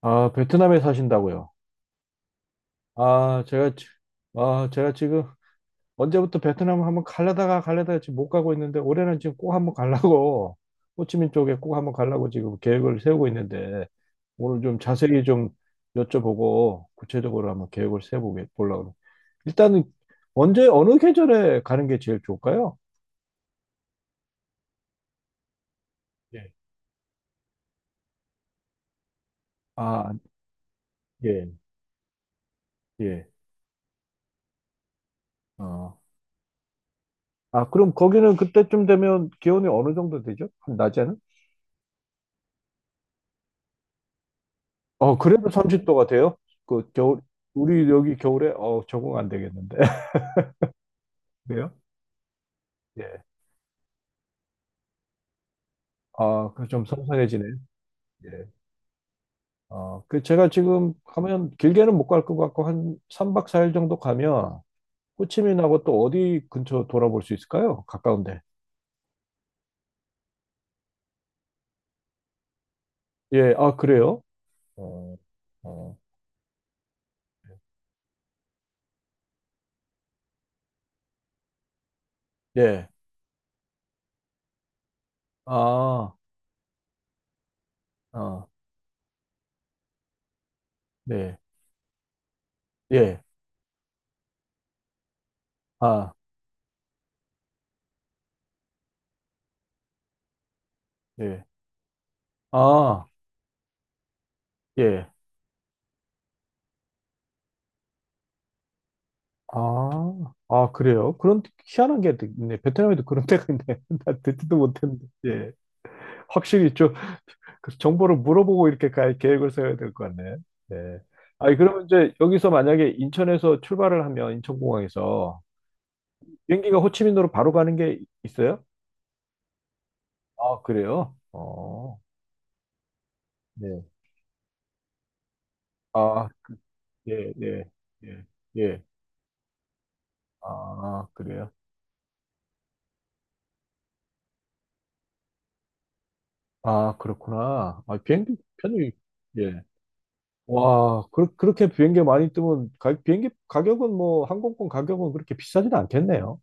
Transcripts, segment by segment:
아, 베트남에 사신다고요? 아, 제가, 지- 아, 제가 지금 언제부터 베트남 한번 가려다가 지금 못 가고 있는데, 올해는 지금 꼭 한번 가려고 호치민 쪽에 꼭 한번 가려고 지금 계획을 세우고 있는데, 오늘 좀 자세히 좀 여쭤보고 구체적으로 한번 계획을 세워보려고 합니다. 일단은 언제, 어느 계절에 가는 게 제일 좋을까요? 예. 아, 예, 예. 어. 아, 그럼 거기는 그때쯤 되면 기온이 어느 정도 되죠? 낮에는? 어, 그래도 30도가 돼요? 그 겨울, 우리 여기 겨울에 적응 안 되겠는데. 그래요? 예. 아, 그좀 선선해지네요. 예. 어, 그 제가 지금 가면 길게는 못 갈 것 같고 한 3박 4일 정도 가면 호치민하고 또 어디 근처 돌아볼 수 있을까요? 가까운데. 예. 아, 그래요? 어, 어. 예. 아, 아, 네. 예. 아, 예. 아, 예. 아, 아, 그래요? 그런 희한한 게 있네. 베트남에도 그런 데가 있네. 나 듣지도 못했는데. 예. 확실히 좀그 정보를 물어보고 이렇게 갈 계획을 세워야 될 것 같네. 예. 아니, 그러면 이제 여기서 만약에 인천에서 출발을 하면 인천공항에서 비행기가 호치민으로 바로 가는 게 있어요? 아, 그래요? 어, 네. 아, 예, 예, 예, 예. 아, 그래요? 아, 그렇구나. 아, 비행기 편이, 예. 와, 그렇게 비행기 많이 뜨면 가, 비행기 가격은 뭐 항공권 가격은 그렇게 비싸진 않겠네요.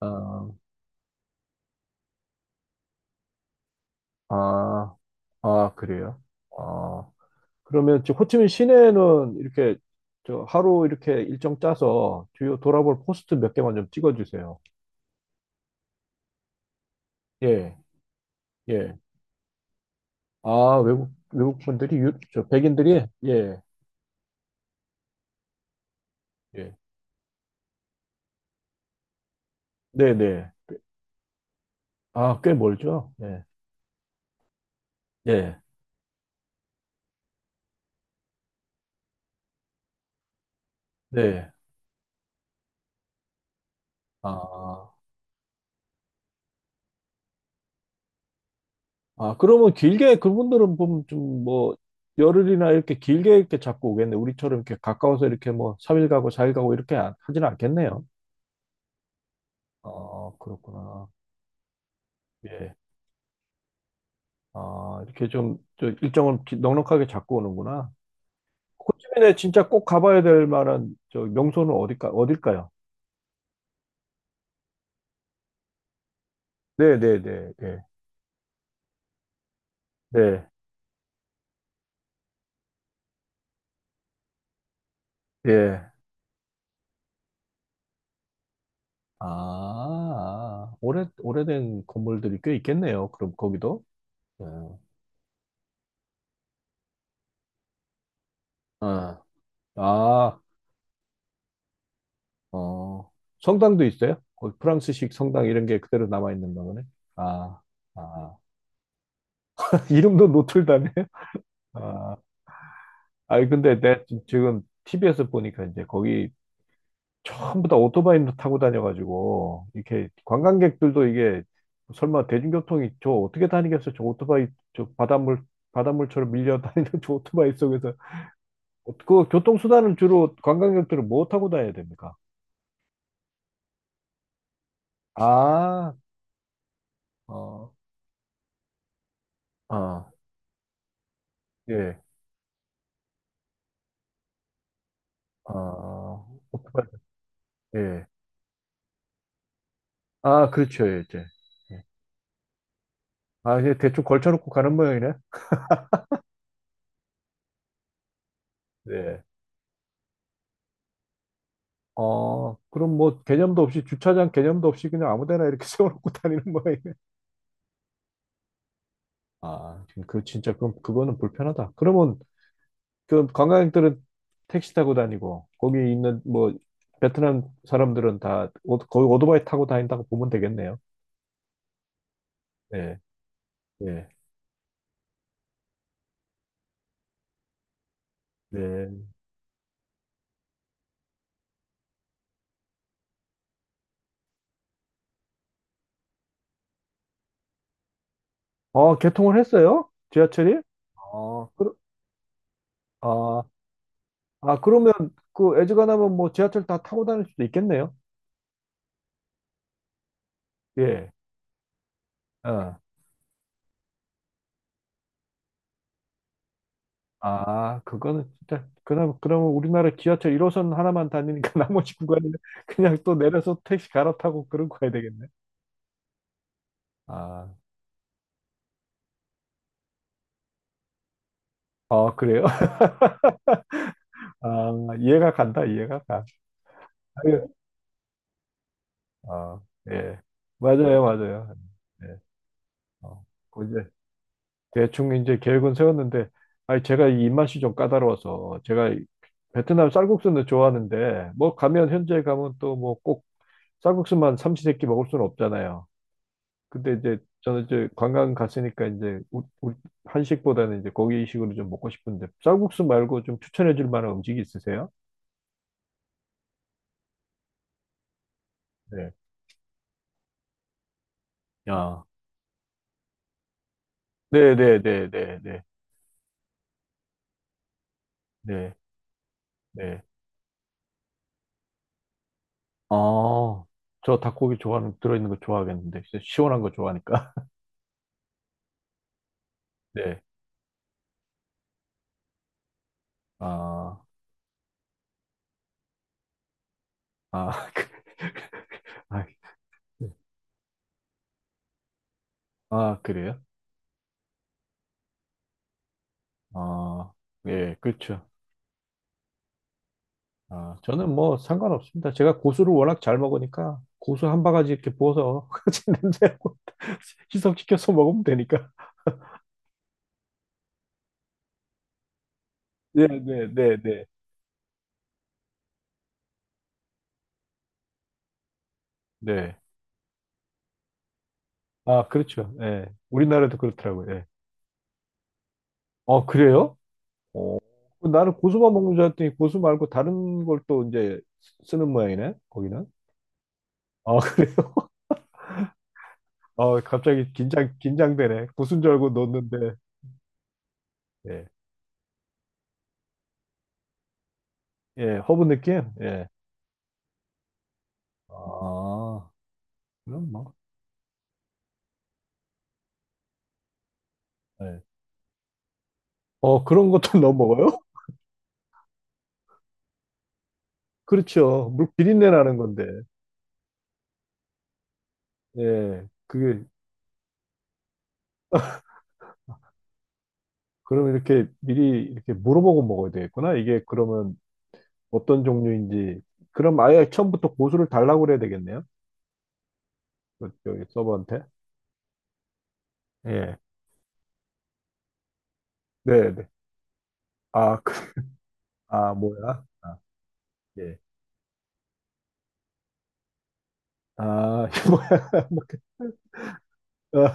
아, 아, 아, 그래요? 아, 그러면 저 호치민 시내는 이렇게 저 하루 이렇게 일정 짜서 주요 돌아볼 포스트 몇 개만 좀 찍어주세요. 예, 예. 아, 외국 분들이 유, 저 백인들이 예, 예. 네, 네. 아, 꽤 멀죠? 네, 예, 네. 아. 아, 그러면 길게 그분들은 보면 좀 뭐 열흘이나 이렇게 길게 이렇게 잡고 오겠네. 우리처럼 이렇게 가까워서 이렇게 뭐삼일 가고 사일 가고 이렇게 안- 하지는 않겠네요. 아, 그렇구나. 예. 아, 이렇게 좀, 저 넉넉하게 잡고 오는구나. 호치민에 진짜 꼭 가봐야 될 만한 저 명소는 어딜까요? 네, 네, 네, 네, 네, 예. 아, 오래된 건물들이 꽤 있겠네요. 그럼 거기도. 예. 아, 아, 어, 성당도 있어요? 거기 프랑스식 성당 이런 게 그대로 남아 있는 거네. 아, 아. 이름도 노틀담이에요? 아, 아니 근데 내가 지금 TV에서 보니까 이제 거기 전부 다 오토바이로 타고 다녀가지고 이렇게 관광객들도 이게 설마 대중교통이 저 어떻게 다니겠어? 저 오토바이, 저 바닷물처럼 밀려 다니는 저 오토바이 속에서 그 교통수단을 주로 관광객들은 뭐 타고 다녀야 됩니까? 아, 어, 아, 예. 아, 오토바이. 예. 아, 그렇죠. 예, 이제. 예. 아, 이제 대충 걸쳐놓고 가는 모양이네. 네. 어, 그럼 뭐 개념도 없이 주차장 개념도 없이 그냥 아무 데나 이렇게 세워놓고 다니는 모양이네. 아, 지금 그 진짜 그럼 그거는 불편하다. 그러면 그 관광객들은 택시 타고 다니고 거기 있는 뭐 베트남 사람들은 거의 오토바이 타고 다닌다고 보면 되겠네요. 네. 네. 네. 어, 개통을 했어요? 지하철이? 아, 그러, 아, 아, 그러면 그 애즈가나면 뭐 지하철 다 타고 다닐 수도 있겠네요. 예. 어. 아, 그거는 진짜 그럼 그러면 우리나라 지하철 1호선 하나만 다니니까 나머지 구간은 그냥 또 내려서 택시 갈아타고 그런 거야 되겠네. 아, 아 그래요? 아, 이해가 가. 아 예. 어, 예. 맞아요, 맞아요. 예. 어, 대충 이제 계획은 세웠는데, 아니, 제가 이 입맛이 좀 까다로워서, 제가 이 베트남 쌀국수는 좋아하는데, 뭐 가면, 현지에 가면 또 뭐 꼭 쌀국수만 삼시세끼 먹을 수는 없잖아요. 근데 이제 저는 이제 관광 갔으니까 이제 한식보다는 이제 고기식으로 좀 먹고 싶은데, 쌀국수 말고 좀 추천해 줄 만한 음식이 있으세요? 네. 야. 네네네네네. 네. 네. 아, 저 닭고기 좋아하는, 들어있는 거 좋아하겠는데, 진짜 시원한 거 좋아하니까. 네. 아, 아, 아, 네. 아, 그래요? 아, 예, 그렇죠. 아, 저는 뭐 상관없습니다. 제가 고수를 워낙 잘 먹으니까 고수 한 바가지 이렇게 부어서 같이 냄새하고 희석시켜서 먹으면 되니까. 네, 네, 네, 네. 네. 아, 그렇죠. 예. 우리나라도 그렇더라고요. 예. 어, 그래요? 어. 나는 고수만 먹는 줄 알았더니 고수 말고 다른 걸 또 이제 쓰는 모양이네, 거기는. 아, 그래요? 아, 긴장되네. 고수인 줄 알고 넣었는데. 예. 예, 허브 느낌? 예. 아, 그럼 뭐. 예 어, 그런 것도 넣어 먹어요? 그렇죠. 물 비린내 나는 건데. 예. 그게, 그럼 이렇게 미리 이렇게 물어보고 먹어야 되겠구나. 이게 그러면 어떤 종류인지. 그럼 아예 처음부터 고수를 달라고 그래야 되겠네요. 그, 저기 서버한테. 예. 네, 네. 아, 그, 아, 뭐야? 아, 예. 아, 뭐야. 뭐, 그, 어,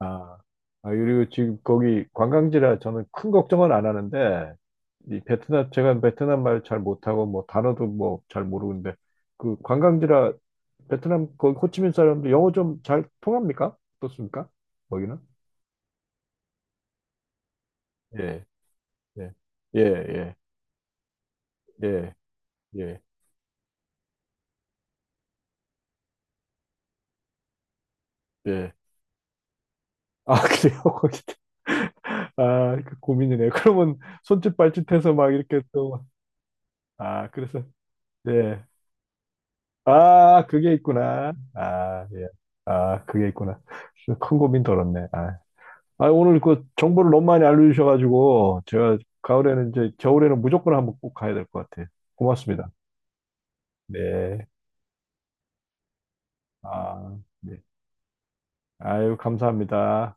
아, 아, 그리고 지금 거기 관광지라 저는 큰 걱정은 안 하는데, 이 베트남, 제가 베트남 말 잘 못하고, 뭐, 단어도 뭐, 잘 모르는데, 그 관광지라 베트남, 거기 호치민 사람들 영어 좀 잘 통합니까? 어떻습니까? 거기는? 예, 예, 예, 예, 예, 예, 예. 아, 그래요? 거기. 아, 그 고민이네. 그러면 손짓 발짓해서 막 이렇게 또, 아, 그래서, 예. 아, 그게 있구나. 아, 예. 아, 그게 있구나. 큰 고민 덜었네. 아, 아, 오늘 그 정보를 너무 많이 알려주셔가지고, 제가 가을에는 이제, 겨울에는 무조건 한번 꼭 가야 될 것 같아요. 고맙습니다. 네. 아, 네. 아유, 감사합니다.